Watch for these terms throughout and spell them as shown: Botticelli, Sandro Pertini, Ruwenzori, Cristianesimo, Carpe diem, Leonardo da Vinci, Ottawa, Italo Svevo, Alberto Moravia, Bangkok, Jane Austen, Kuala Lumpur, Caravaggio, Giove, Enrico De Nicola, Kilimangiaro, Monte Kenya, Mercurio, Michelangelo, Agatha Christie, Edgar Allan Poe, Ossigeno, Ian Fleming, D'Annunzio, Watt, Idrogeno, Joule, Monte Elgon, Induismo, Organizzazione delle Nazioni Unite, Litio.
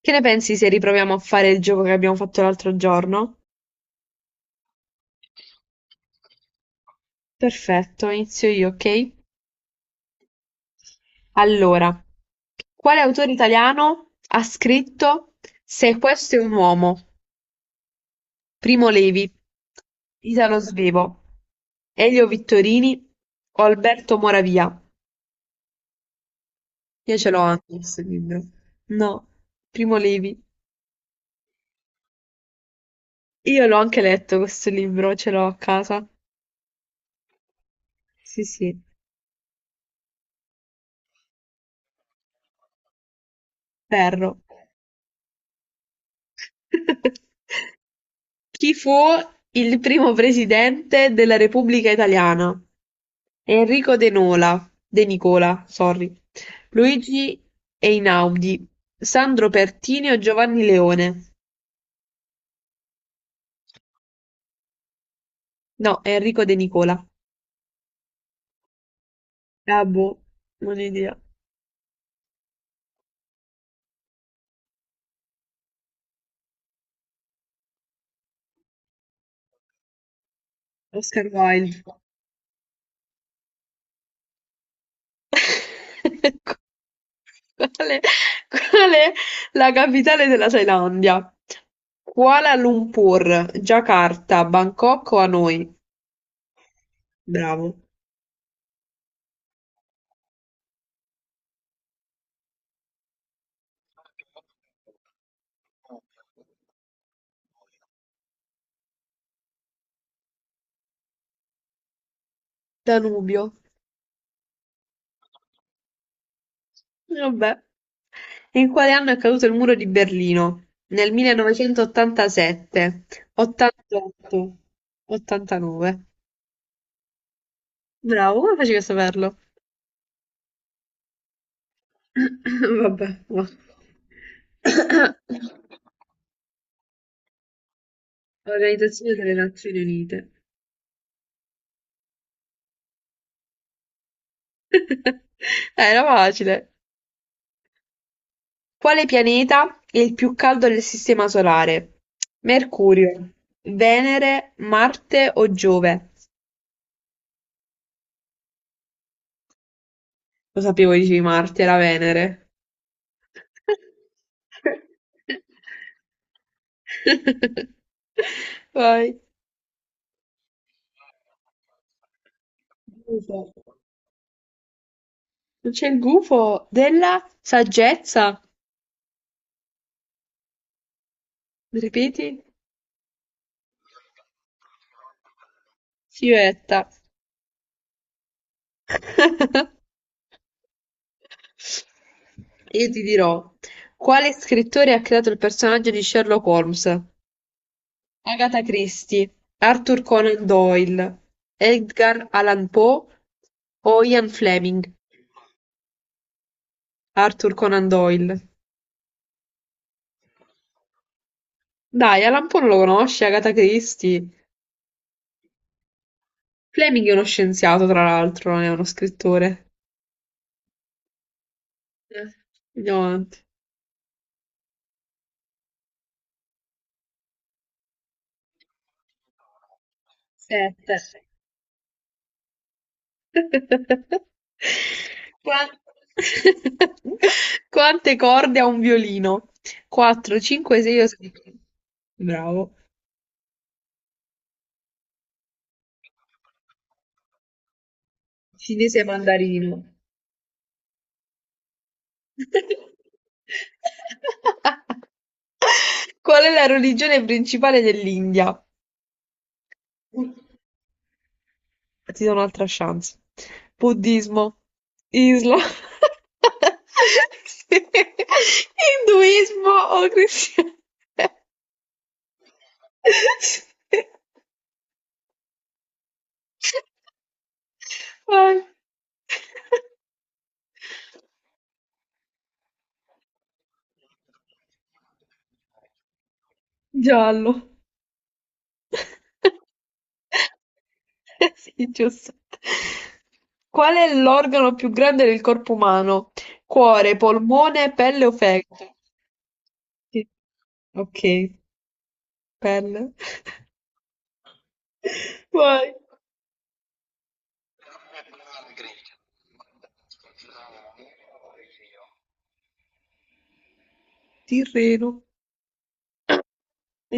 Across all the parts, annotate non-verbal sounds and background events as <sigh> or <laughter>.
Che ne pensi se riproviamo a fare il gioco che abbiamo fatto l'altro giorno? Perfetto, inizio io, ok? Allora, quale autore italiano ha scritto Se questo è un uomo? Primo Levi, Italo Svevo, Elio Vittorini o Alberto Moravia? Io ce l'ho anche questo libro. No, Primo Levi. Io l'ho anche letto questo libro, ce l'ho a casa. Sì, sì, perro. <laughs> Chi fu il primo presidente della Repubblica Italiana? Enrico De Nicola, sorry, Luigi Einaudi, Sandro Pertini o Giovanni Leone? No, Enrico De Nicola. Ah, boh, non ho idea. Oscar Wilde. <laughs> Qual è, qual è la capitale della Thailandia? Kuala Lumpur, Giacarta, Bangkok o Hanoi? Bravo. Danubio. Vabbè. In quale anno è caduto il muro di Berlino? Nel 1987, 88, 89. Bravo, come facevi a saperlo? <coughs> Vabbè. Va. <coughs> Organizzazione delle Nazioni Unite. <laughs> Era facile. Quale pianeta è il più caldo del sistema solare? Mercurio, Venere, Marte o Giove? Lo sapevo, dicevi Marte, era Venere. <laughs> Vai. Gufo. C'è il gufo della saggezza. Ripeti, Silvetta. <laughs> Io ti dirò, quale scrittore ha creato il personaggio di Sherlock Holmes? Agatha Christie, Arthur Conan Doyle, Edgar Allan Poe o Ian Fleming? Arthur Conan Doyle. Dai, Alan Poe non lo conosci, Agatha Christie. Fleming è uno scienziato, tra l'altro, non è uno scrittore. Eh, Andiamo avanti. Sette. <laughs> Qua- <laughs> Quante corde ha un violino? 4, 5, 6 o 6. Bravo. Cinese mandarino. <laughs> Qual è la religione principale dell'India? Ti do un'altra chance. Buddismo, Islam, <laughs> sì. Induismo o cristianesimo. Sì. Vai. Giallo. Sì, giusto. Qual è l'organo più grande del corpo umano? Cuore, polmone, pelle o fegato? Sì. Ok, pelle. Vai. Tirreno.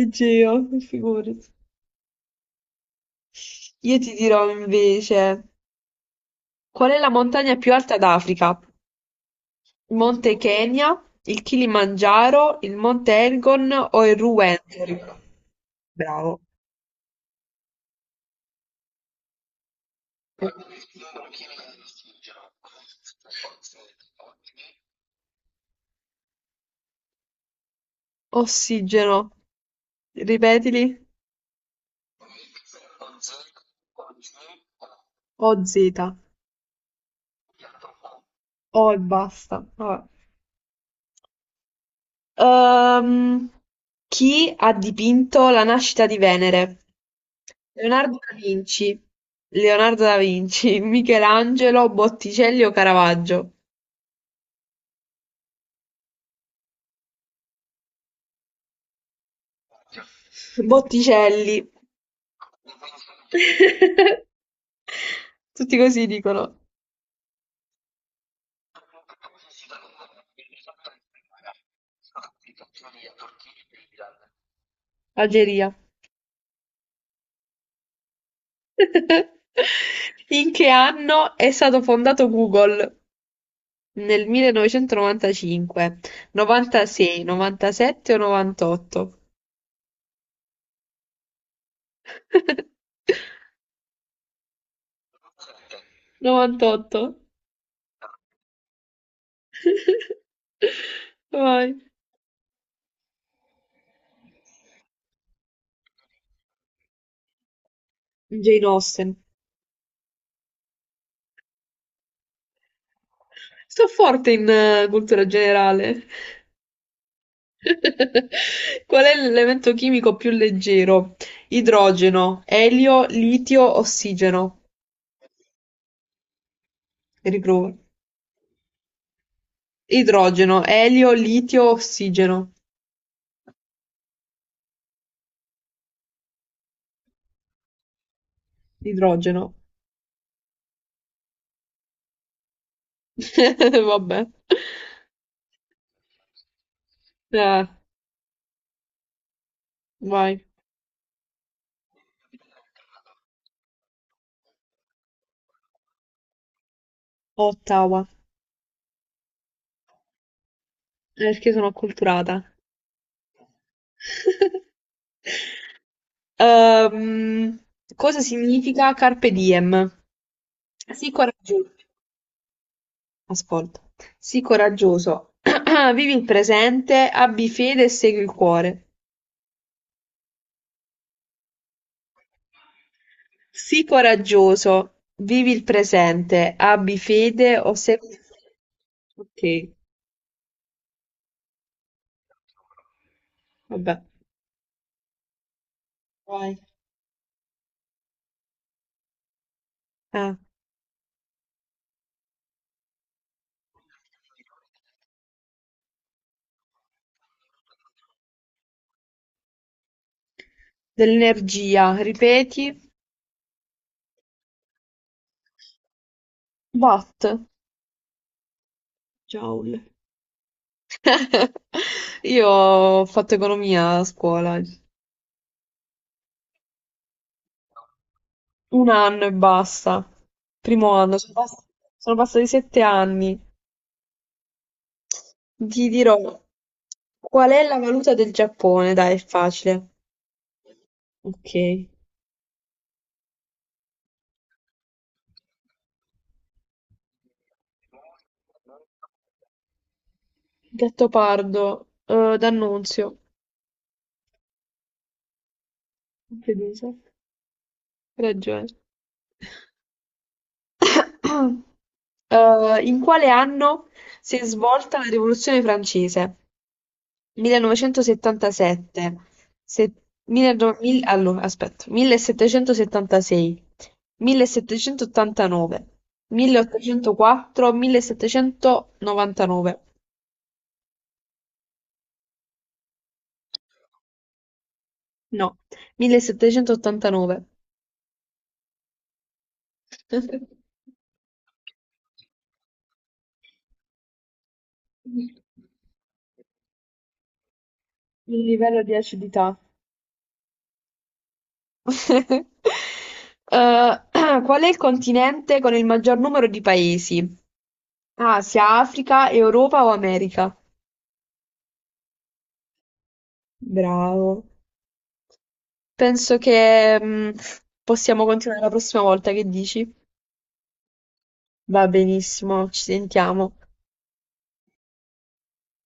Egeo, figurati. Io ti dirò invece, qual è la montagna più alta d'Africa? Il Monte Kenya, il Kilimangiaro, il Monte Elgon o il Ruwenzori? Bravo. Ossigeno, ripetili, o Z, o e basta. Vabbè. Ehm, chi ha dipinto La nascita di Venere? Leonardo da Vinci, Leonardo da Vinci, <laughs> Michelangelo, Botticelli o Caravaggio? Botticelli. <laughs> Tutti così dicono. Algeria. <laughs> In che anno è stato fondato Google? Nel 1995, 96, 97 o 98? <laughs> 98. <laughs> Vai. Jane Austen. Sto forte in cultura generale. <laughs> Qual è l'elemento chimico più leggero? Idrogeno, elio, litio, ossigeno. Riprovo. Idrogeno, elio, litio, ossigeno. Idrogeno. <laughs> Vabbè. Eh, vai. Ottawa. Perché sono acculturata. <laughs> Ehm, cosa significa carpe diem? Sii coraggioso, ascolta, sii coraggioso, <clears throat> vivi il presente, abbi fede e segui il cuore. Sii coraggioso, vivi il presente, abbi fede o segui il cuore. Ok, vabbè. Vai. Eh, dell'energia, ripeti, watt, joule. <laughs> Io ho fatto economia a scuola. Un anno e basta. Primo anno, sono passati 7 anni. Ti dirò qual è la valuta del Giappone? Dai, è facile. Ok. Gattopardo, D'Annunzio. Fiducia. Ragione. <coughs> <clears throat> In quale anno si è svolta la Rivoluzione francese? 1977, se- allora, aspetta, 1776, 1789, 1804, 1799, no, 1789. <laughs> Il livello di acidità. <laughs> Eh, <clears throat> qual è il continente con il maggior numero di paesi? Asia, Africa, Europa o America? Bravo. Penso che possiamo continuare la prossima volta, che dici? Va benissimo, ci sentiamo.